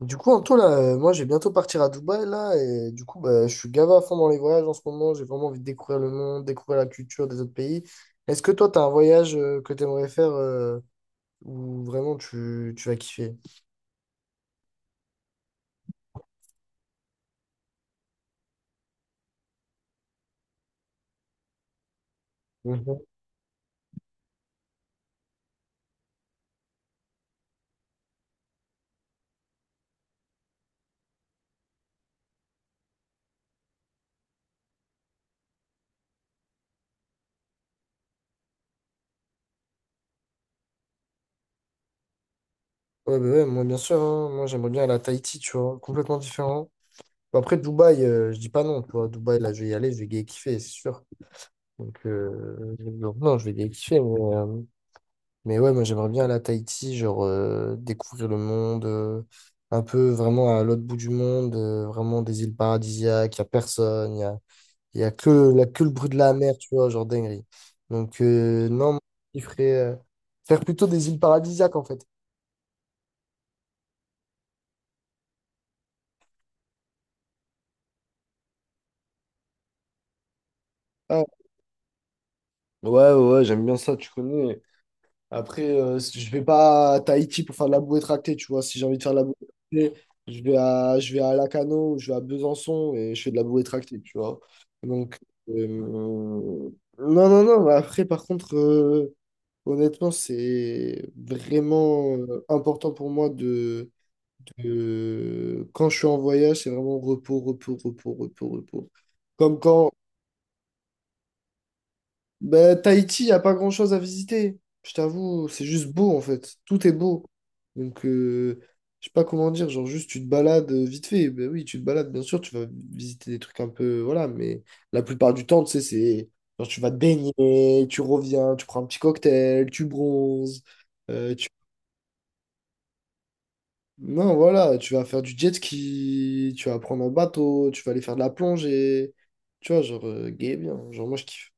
Du coup, Antoine, là, moi, je vais bientôt partir à Dubaï, là, et du coup, je suis gavé à fond dans les voyages en ce moment. J'ai vraiment envie de découvrir le monde, découvrir la culture des autres pays. Est-ce que toi, tu as un voyage que tu aimerais faire euh, où vraiment tu vas kiffer? Mhm. Ouais, bah ouais, moi, bien sûr, hein. Moi, j'aimerais bien aller à Tahiti, tu vois, complètement différent. Après, Dubaï, je dis pas non, tu vois. Dubaï, là, je vais y aller, je vais gay kiffer, c'est sûr. Donc non, je vais gay kiffer, mais, mais ouais, moi j'aimerais bien aller à Tahiti, genre découvrir le monde, un peu vraiment à l'autre bout du monde, vraiment des îles paradisiaques, il n'y a personne, il n'y a que le bruit de la mer, tu vois, genre dinguerie. Donc non, moi, je ferais faire plutôt des îles paradisiaques en fait. Ah, ouais, ouais, ouais, j'aime bien ça, tu connais. Après, je vais pas à Tahiti pour faire de la bouée tractée, tu vois. Si j'ai envie de faire de la bouée tractée, je vais à Lacano, ou je vais à Besançon et je fais de la bouée tractée, tu vois. Donc, euh, non, non, non. Après, par contre, honnêtement, c'est vraiment important pour moi de, quand je suis en voyage, c'est vraiment repos, repos, repos, repos, repos. Comme quand, bah, Tahiti, il a pas grand-chose à visiter. Je t'avoue, c'est juste beau en fait. Tout est beau. Donc, je sais pas comment dire, genre juste tu te balades vite fait. Ben oui, tu te balades, bien sûr, tu vas visiter des trucs un peu, voilà, mais la plupart du temps, tu sais, c'est genre tu vas te baigner, tu reviens, tu prends un petit cocktail, tu bronzes. euh, tu... Non, voilà, tu vas faire du jet ski, tu vas prendre un bateau, tu vas aller faire de la plongée. Tu vois, genre, gay bien. Genre, moi, je kiffe.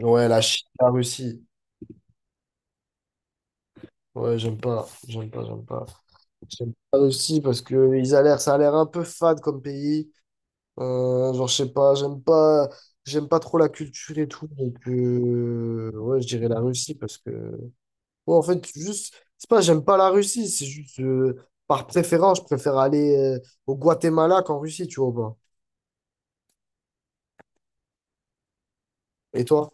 Ouais, la Chine, la Russie. Ouais, j'aime pas, j'aime pas, j'aime pas. J'aime pas aussi parce que ils a l'air, ça a l'air un peu fade comme pays. Genre, je sais pas, j'aime pas, j'aime pas trop la culture et tout. Donc, ouais, je dirais la Russie parce que, ouais, en fait, juste, c'est pas, j'aime pas la Russie, c'est juste, par préférence, je préfère aller, au Guatemala qu'en Russie, tu vois, ou pas. Et toi?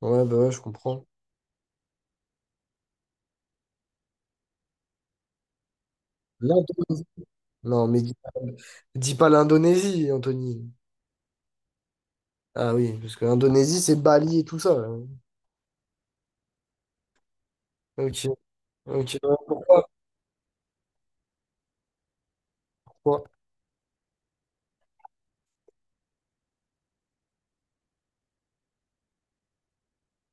Ouais, bah ouais, je comprends. L'Indonésie. Non, mais dis pas l'Indonésie, Anthony. Ah oui, parce que l'Indonésie, c'est Bali et tout ça. Là. Ok. Ok, ouais, pourquoi, pourquoi?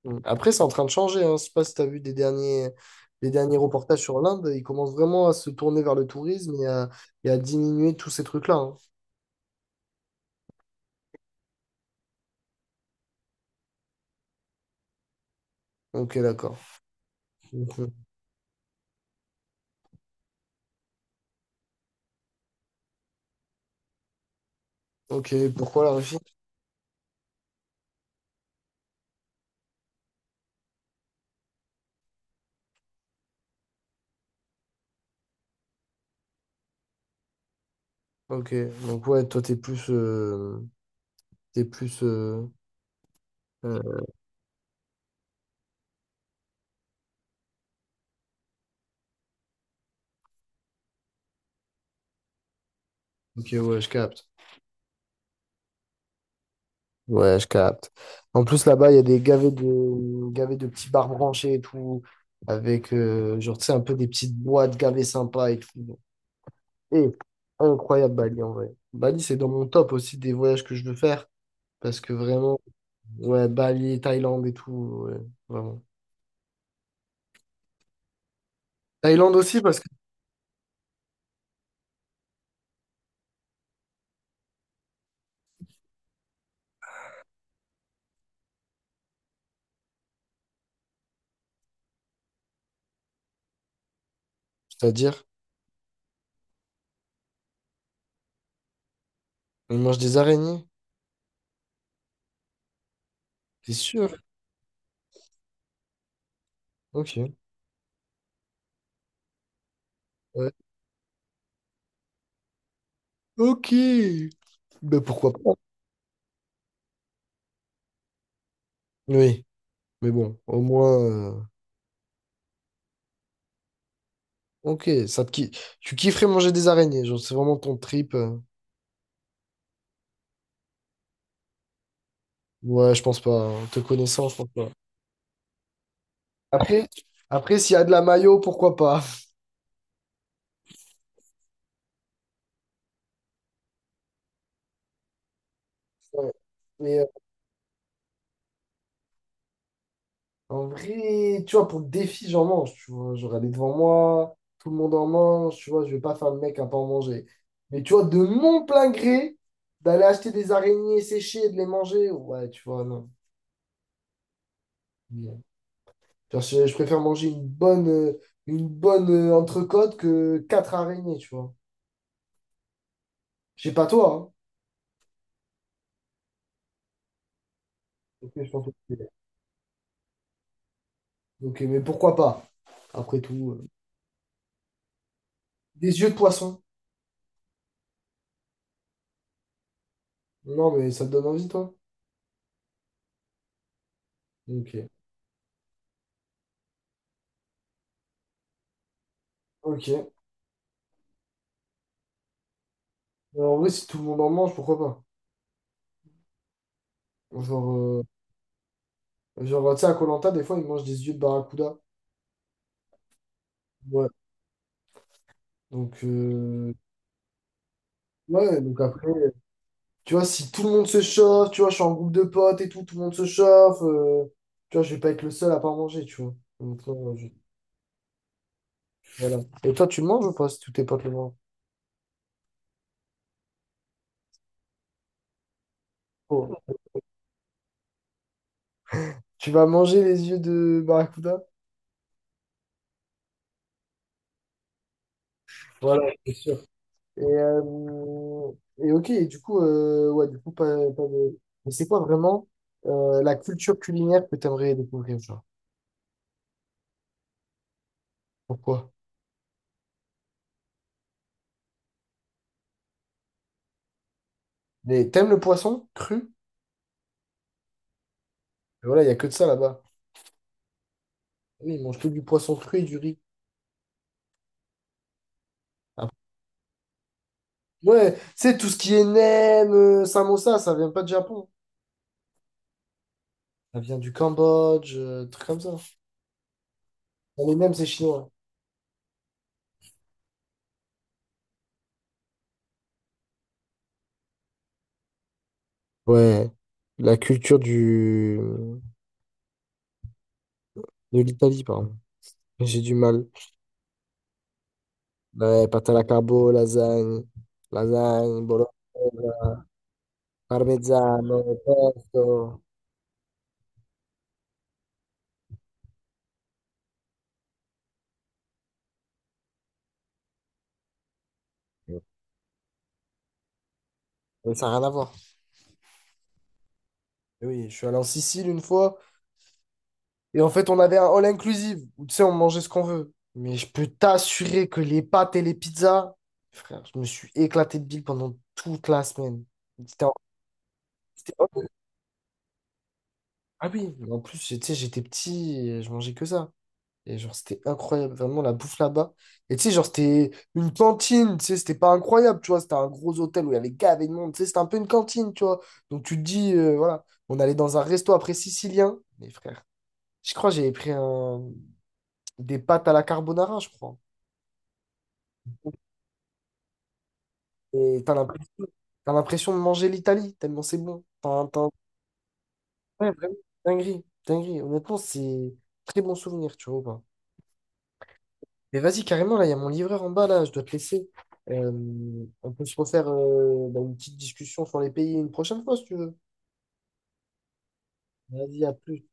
Mm. Après, c'est en train de changer. Hein. Je sais pas si tu as vu des derniers, les derniers reportages sur l'Inde. Ils commencent vraiment à se tourner vers le tourisme et à diminuer tous ces trucs-là, hein. Ok, d'accord. Ok, ok, pourquoi la Russie? Ok, donc ouais, toi, t'es plus euh, ok, ouais, je capte. Ouais, je capte. En plus, là-bas, il y a des gavets de petits bars branchés et tout, avec, genre, tu sais, un peu des petites boîtes gavées sympas et tout. Et incroyable Bali en vrai. Bali, c'est dans mon top aussi des voyages que je veux faire. Parce que vraiment, ouais, Bali, Thaïlande et tout, ouais, vraiment. Thaïlande aussi parce que. C'est-à-dire, on mange des araignées, c'est sûr. Ok. Ouais. Ok. Ben pourquoi pas? Oui. Mais bon, au moins, ok, ça te ki- tu kifferais manger des araignées, genre c'est vraiment ton trip, Ouais, je pense pas, hein. Te connaissant, je pense pas. Après, après s'il y a de la mayo, pourquoi pas? Ouais. Mais en vrai, tu vois, pour le défi, j'en mange, tu vois. Genre, elle est devant moi, tout le monde en mange, tu vois, je vais pas faire le mec à pas en manger. Mais tu vois, de mon plein gré, d'aller acheter des araignées séchées et de les manger, ouais, tu vois, non. Non. Genre, je préfère manger une bonne, une bonne entrecôte que quatre araignées, tu vois. Je sais pas toi, hein. Ok, je pense que- ok, mais pourquoi pas? Après tout, des yeux de poisson. Non, mais ça te donne envie, toi? Ok. Ok. Alors, en vrai, si tout le monde en mange, pourquoi pas? Genre, genre tu sais, à koh des fois, ils mangent des yeux de barracuda. Ouais. Donc, ouais, donc après, tu vois, si tout le monde se chauffe, tu vois, je suis en groupe de potes et tout, tout le monde se chauffe, tu vois, je vais pas être le seul à pas manger, tu vois. Donc, euh, je- voilà. Et toi, tu le manges ou pas si tous tes potes le mangent? Oh. Tu vas manger les yeux de barracuda? Voilà. Et, ok, et du coup, ouais, du coup, pas, pas de... Mais c'est quoi vraiment la culture culinaire que tu aimerais découvrir, genre? Pourquoi? Mais t'aimes le poisson cru? Voilà, il y a que de ça là-bas. Oui, ils mangent que du poisson cru et du riz. Ah, ouais, c'est tout ce qui est nem, samosa, ça vient pas du Japon. Ça vient du Cambodge, trucs comme ça. Non, les nems, c'est chinois. Ouais, la culture du... de l'Italie, pardon. J'ai du mal. Ouais, pâte à la carbo, lasagne, lasagne, bolo, parmesan, pesto. Mais ça n'a rien à voir. Et oui, je suis allé en Sicile une fois. Et en fait, on avait un all inclusive où tu sais, on mangeait ce qu'on veut. Mais je peux t'assurer que les pâtes et les pizzas, frère, je me suis éclaté de bile pendant toute la semaine. C'était en- c'était- Ah oui, mais en plus, tu sais, j'étais petit et je mangeais que ça. Et genre, c'était incroyable, vraiment la bouffe là-bas. Et tu sais, genre, c'était une cantine, tu sais, c'était pas incroyable, tu vois. C'était un gros hôtel où il y avait gavé de monde, tu sais, c'était un peu une cantine, tu vois. Donc tu te dis, voilà, on allait dans un resto après sicilien. Mais frère, je crois que j'avais pris un... des pâtes à la carbonara, je crois. Et t'as l'impression de manger l'Italie, tellement c'est bon. T'as, t'as... Ouais, vraiment, dinguerie, dinguerie. Honnêtement, c'est très bon souvenir, tu vois. Ou pas. Mais vas-y, carrément, là, il y a mon livreur en bas, là, je dois te laisser. Euh, on peut se refaire une petite discussion sur les pays une prochaine fois, si tu veux. Vas-y, à plus.